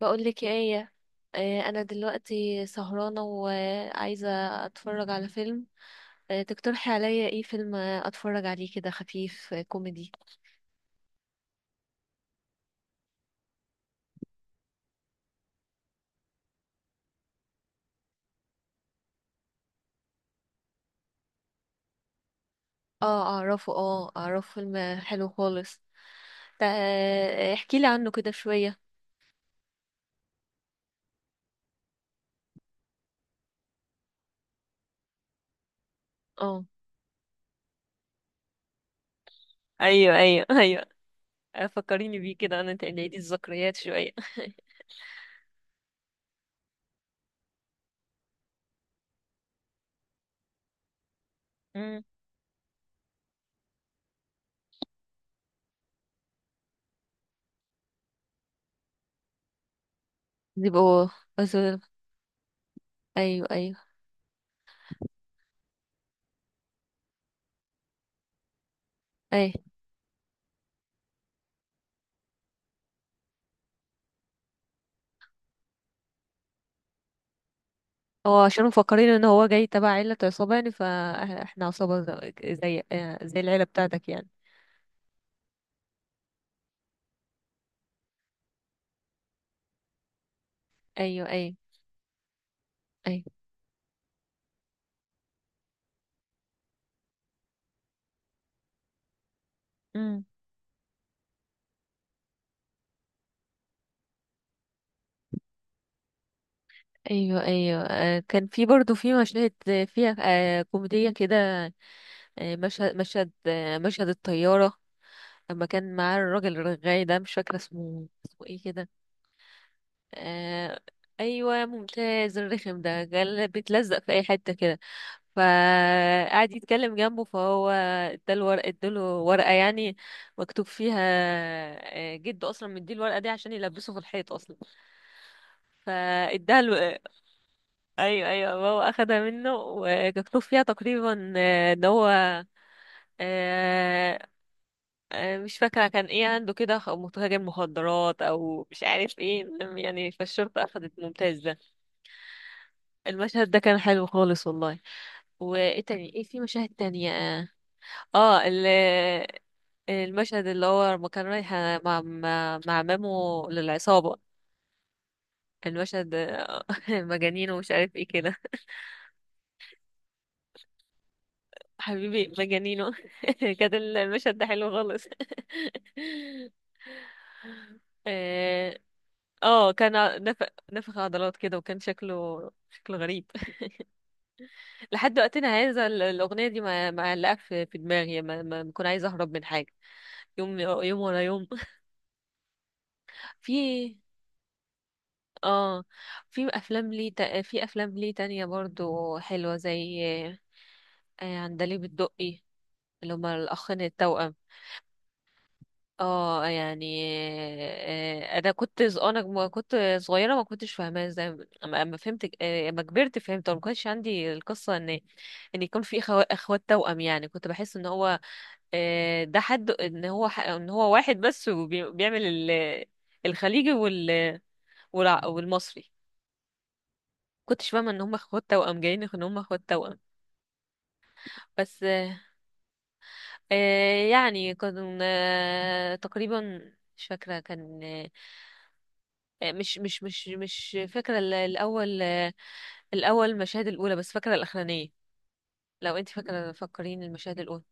بقول لك ايه. انا دلوقتي سهرانه وعايزه اتفرج على فيلم. تقترحي عليا ايه فيلم اتفرج عليه كده خفيف، كوميدي؟ اه، اعرفه، فيلم حلو خالص. احكي لي عنه كده شويه. اه، ايوه، ايوه ايوه. فكريني بيه كده، انا تقليدي الذكريات شويه. مم. بيبقوا أزول. ايوه، ايوه، اي. هو عشان مفكرين ان هو جاي تبع عيلة عصابة، يعني فاحنا عصابة، زي، زي العيلة بتاعتك يعني. ايوه، ايوه، ايوه، امم، ايوه، ايوه. كان في برضو في مشاهد فيها كوميدية كده. مشهد، مشهد الطيارة. لما كان معاه الراجل الرغاي ده، مش فاكرة اسمه ايه كده. آه، ايوه، ممتاز الرخم ده قال بيتلزق في اي حتة كده، فقعد يتكلم جنبه، فهو اداله ورقة يعني مكتوب فيها، جده اصلا مديه الورقة دي عشان يلبسه في الحيط اصلا، فاداله. ايوه، ايوه، بابا اخدها منه ومكتوب فيها تقريبا، ان هو، آه، مش فاكره كان ايه عنده كده، متاجر مخدرات او مش عارف ايه، المهم يعني فالشرطه اخدت ممتاز ده. المشهد ده كان حلو خالص والله. وايه تاني، ايه في مشاهد تانية؟ اه، آه، ال- المشهد اللي هو لما كان رايح مع مامو للعصابه، المشهد، مجانين ومش عارف ايه كده. حبيبي مجانينه. كان المشهد ده حلو خالص. اه. آه، كان ع- نف... نفخ عضلات كده، وكان شكله غريب. لحد وقتنا هذا الأغنية دي معلقة في دماغي، ما بكون عايزة أهرب من حاجة. يوم يوم ورا يوم. في اه في أفلام ليه تانية برضو حلوة، زي عندليب الدقي، اللي هما الأخين التوأم. اه يعني، آه، انا كنت ز- انا م- كنت صغيره، ما كنتش فاهماها ازاي. اما، فهمت، اما كبرت فهمت. ما كانش عندي القصه ان يكون في اخوات توأم، يعني كنت بحس ان هو، ده حد، ان هو، ان هو واحد بس، وبيعمل ال- الخليجي والمصري. كنتش فاهمه ان هم اخوات توأم، جايين ان هم اخوات توأم. بس، يعني كنا تقريبا، مش فاكره كان، مش فاكرة الأول، الأول المشاهد الأولى، بس فاكرة الأخرانية. لو انت فاكرة، فكرين المشاهد الأولى.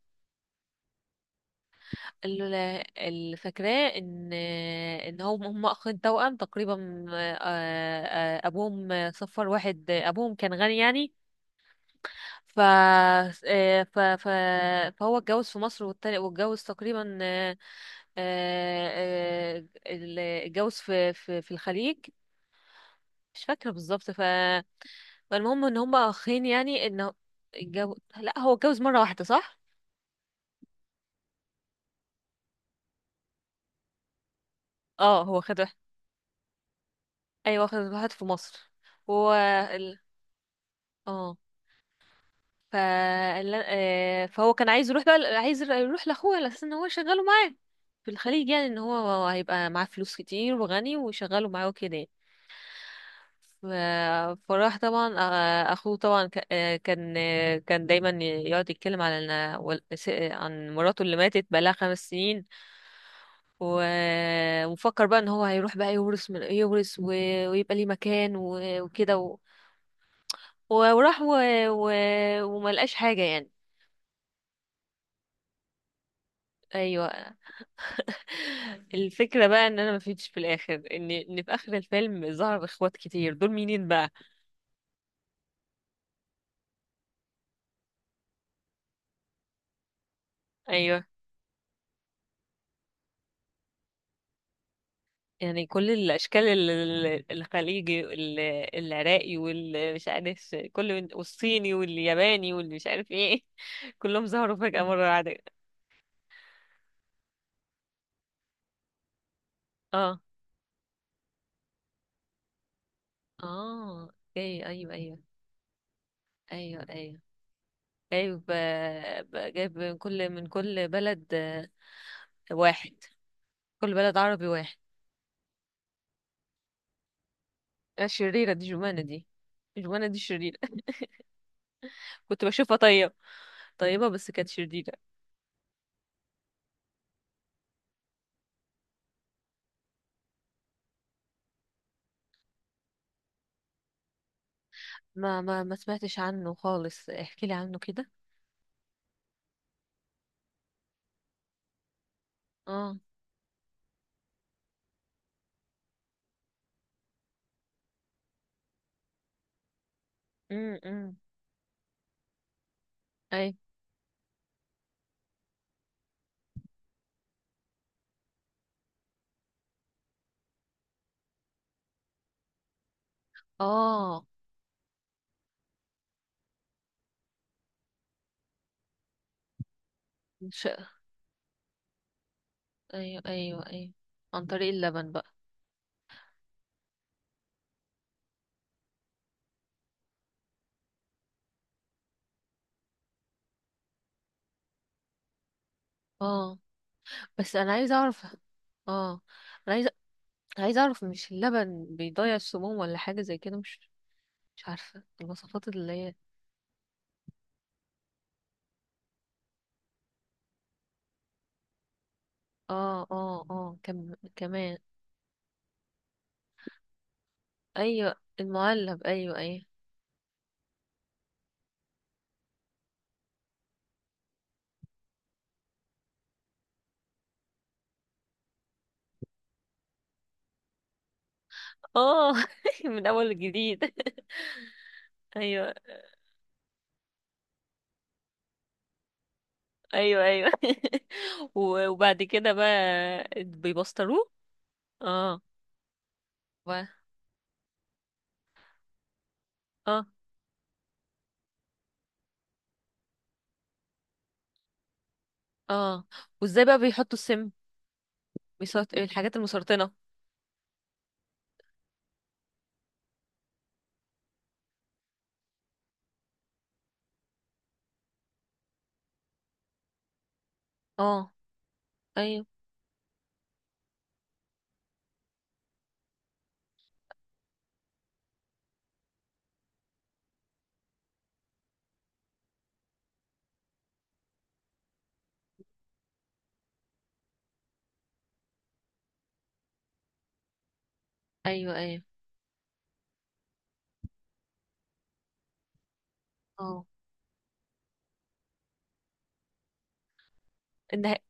ال- اللي فاكراه ان، ان هم اخين توأم تقريبا. ابوهم صفر واحد، ابوهم كان غني يعني. ف آه، ف ف فهو اتجوز في مصر، والتاني واتجوز تقريبا، آه، اتجوز في الخليج، مش فاكرة بالظبط. فالمهم ان هما اخين يعني، ان، لا، هو اتجوز مره واحده، صح. اه هو خد واحد. ايوه خد واحد في مصر. هو، ال... اه ف... ال- آه، فهو كان عايز يروح بقى، عايز يروح لاخوه على اساس ان هو يشغله معاه في الخليج، يعني ان هو هيبقى معاه فلوس كتير وغني ويشغله معاه وكده يعني. ف... فراح طبعا. اخوه طبعا، كان دايما يقعد يتكلم على إن- وال- س- عن مراته اللي ماتت بقالها 5 سنين. و... وفكر بقى ان هو هيروح بقى يورث من يورث، ويبقى ليه مكان، و... وكده و... و- وراح، و... وما لقاش حاجة يعني. ايوه، الفكرة بقى ان انا ما فيتش في الاخر، ان، في اخر الفيلم ظهر اخوات كتير دول، مينين بقى؟ ايوه يعني كل الاشكال، الخليجي، العراقي، والمش عارف كل من- والصيني والياباني واللي مش عارف ايه. كلهم ظهروا فجأة مرة واحدة. اه، اه، اوكي، ايوه، ايوه، ايوه. ايوه جايب من كل بلد، واحد، كل بلد عربي واحد. شريرة دي، جمانة دي. جمانة دي شريرة. كنت بشوفها طيبة. طيبة بس كانت شريرة. ما سمعتش عنه خالص، احكي لي عنه كده. اه، امم، امم، اي. اه. ش... ايوه، ايوه، ايوه، عن طريق اللبن بقى. اه، بس انا عايزه اعرف. اه، انا عايزه، اعرف، مش اللبن بيضيع السموم ولا حاجه زي كده؟ مش عارفه المواصفات اللي هي. اه، اه، اه، كمان. ايوه المعلب، ايوه، ايوه. اه من اول جديد. ايوه، ايوه، ايوه. وبعد كده بقى بيبسطروه. اه، و- اه، اه، وازاي بقى بيحطوا السم؟ الحاجات المسرطنه. اه، ايوه، ايوه، ايوه. اه، النهايه،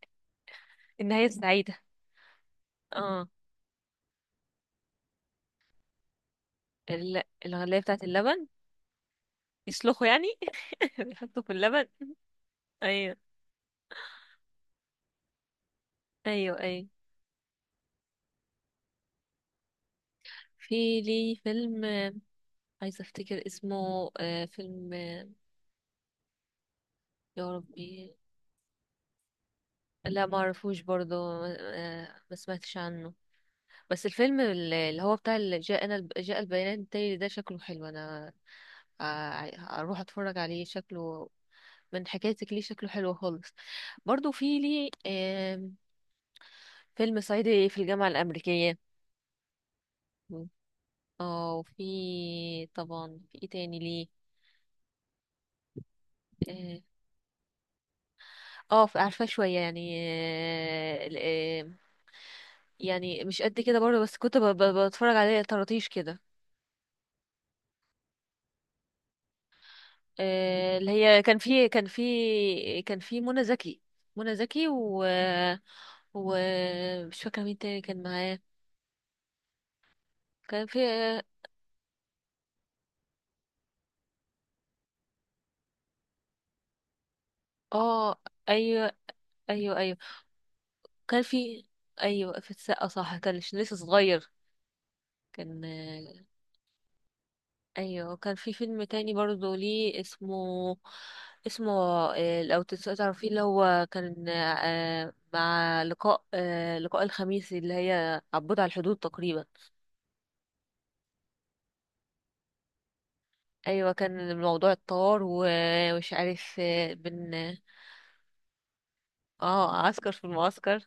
النهايه السعيده. اه، الغلايه بتاعت اللبن. يسلخوا يعني، بيحطوا في اللبن. ايوه، ايوه، ايوه. في لي فيلم، عايزة افتكر اسمه. فيلم، يا ربي. لا، ما اعرفوش برضه. ما سمعتش عنه. بس الفيلم اللي هو بتاع اللي جاء البيان التالي ده، شكله حلو، انا آه، اروح اتفرج عليه. شكله من حكايتك ليه شكله حلو خالص. برضه في لي فيلم صعيدي في الجامعة الأمريكية. اه، وفي طبعا في ايه تاني ليه؟ اه، عارفاه شوية يعني. آه، يعني مش قد كده برضه، بس كنت بتفرج عليه طراطيش كده. اللي هي، كان في، كان في منى زكي. منى زكي و مش فاكره مين تاني كان معاه. كان في، اه، ايوه، ايوه، ايوه، كان في. ايوه في السقا صح، كان لسه صغير. كان، ايوه، كان في فيلم تاني برضه ليه اسمه، اسمه لو تعرفيه. اللي هو كان مع لقاء، لقاء الخميس، اللي هي عبود على الحدود تقريبا. ايوه كان الموضوع الطار، ومش عارف، آه، بن اه عسكر في المعسكر.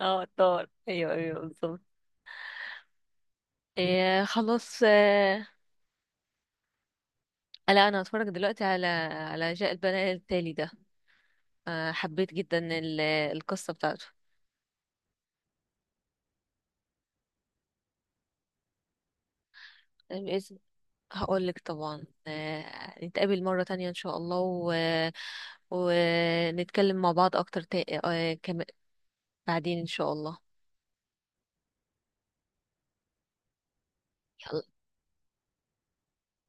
اه، الطار، ايوه، ايوه بالظبط. خلاص. لا، انا هتفرج دلوقتي على، جاء البنات التالي ده. حبيت جدا القصة بتاعته. آه، بإذن هقولك طبعا. نتقابل مرة تانية إن شاء الله، ونتكلم مع بعض أكتر، بعدين إن شاء الله. يلا.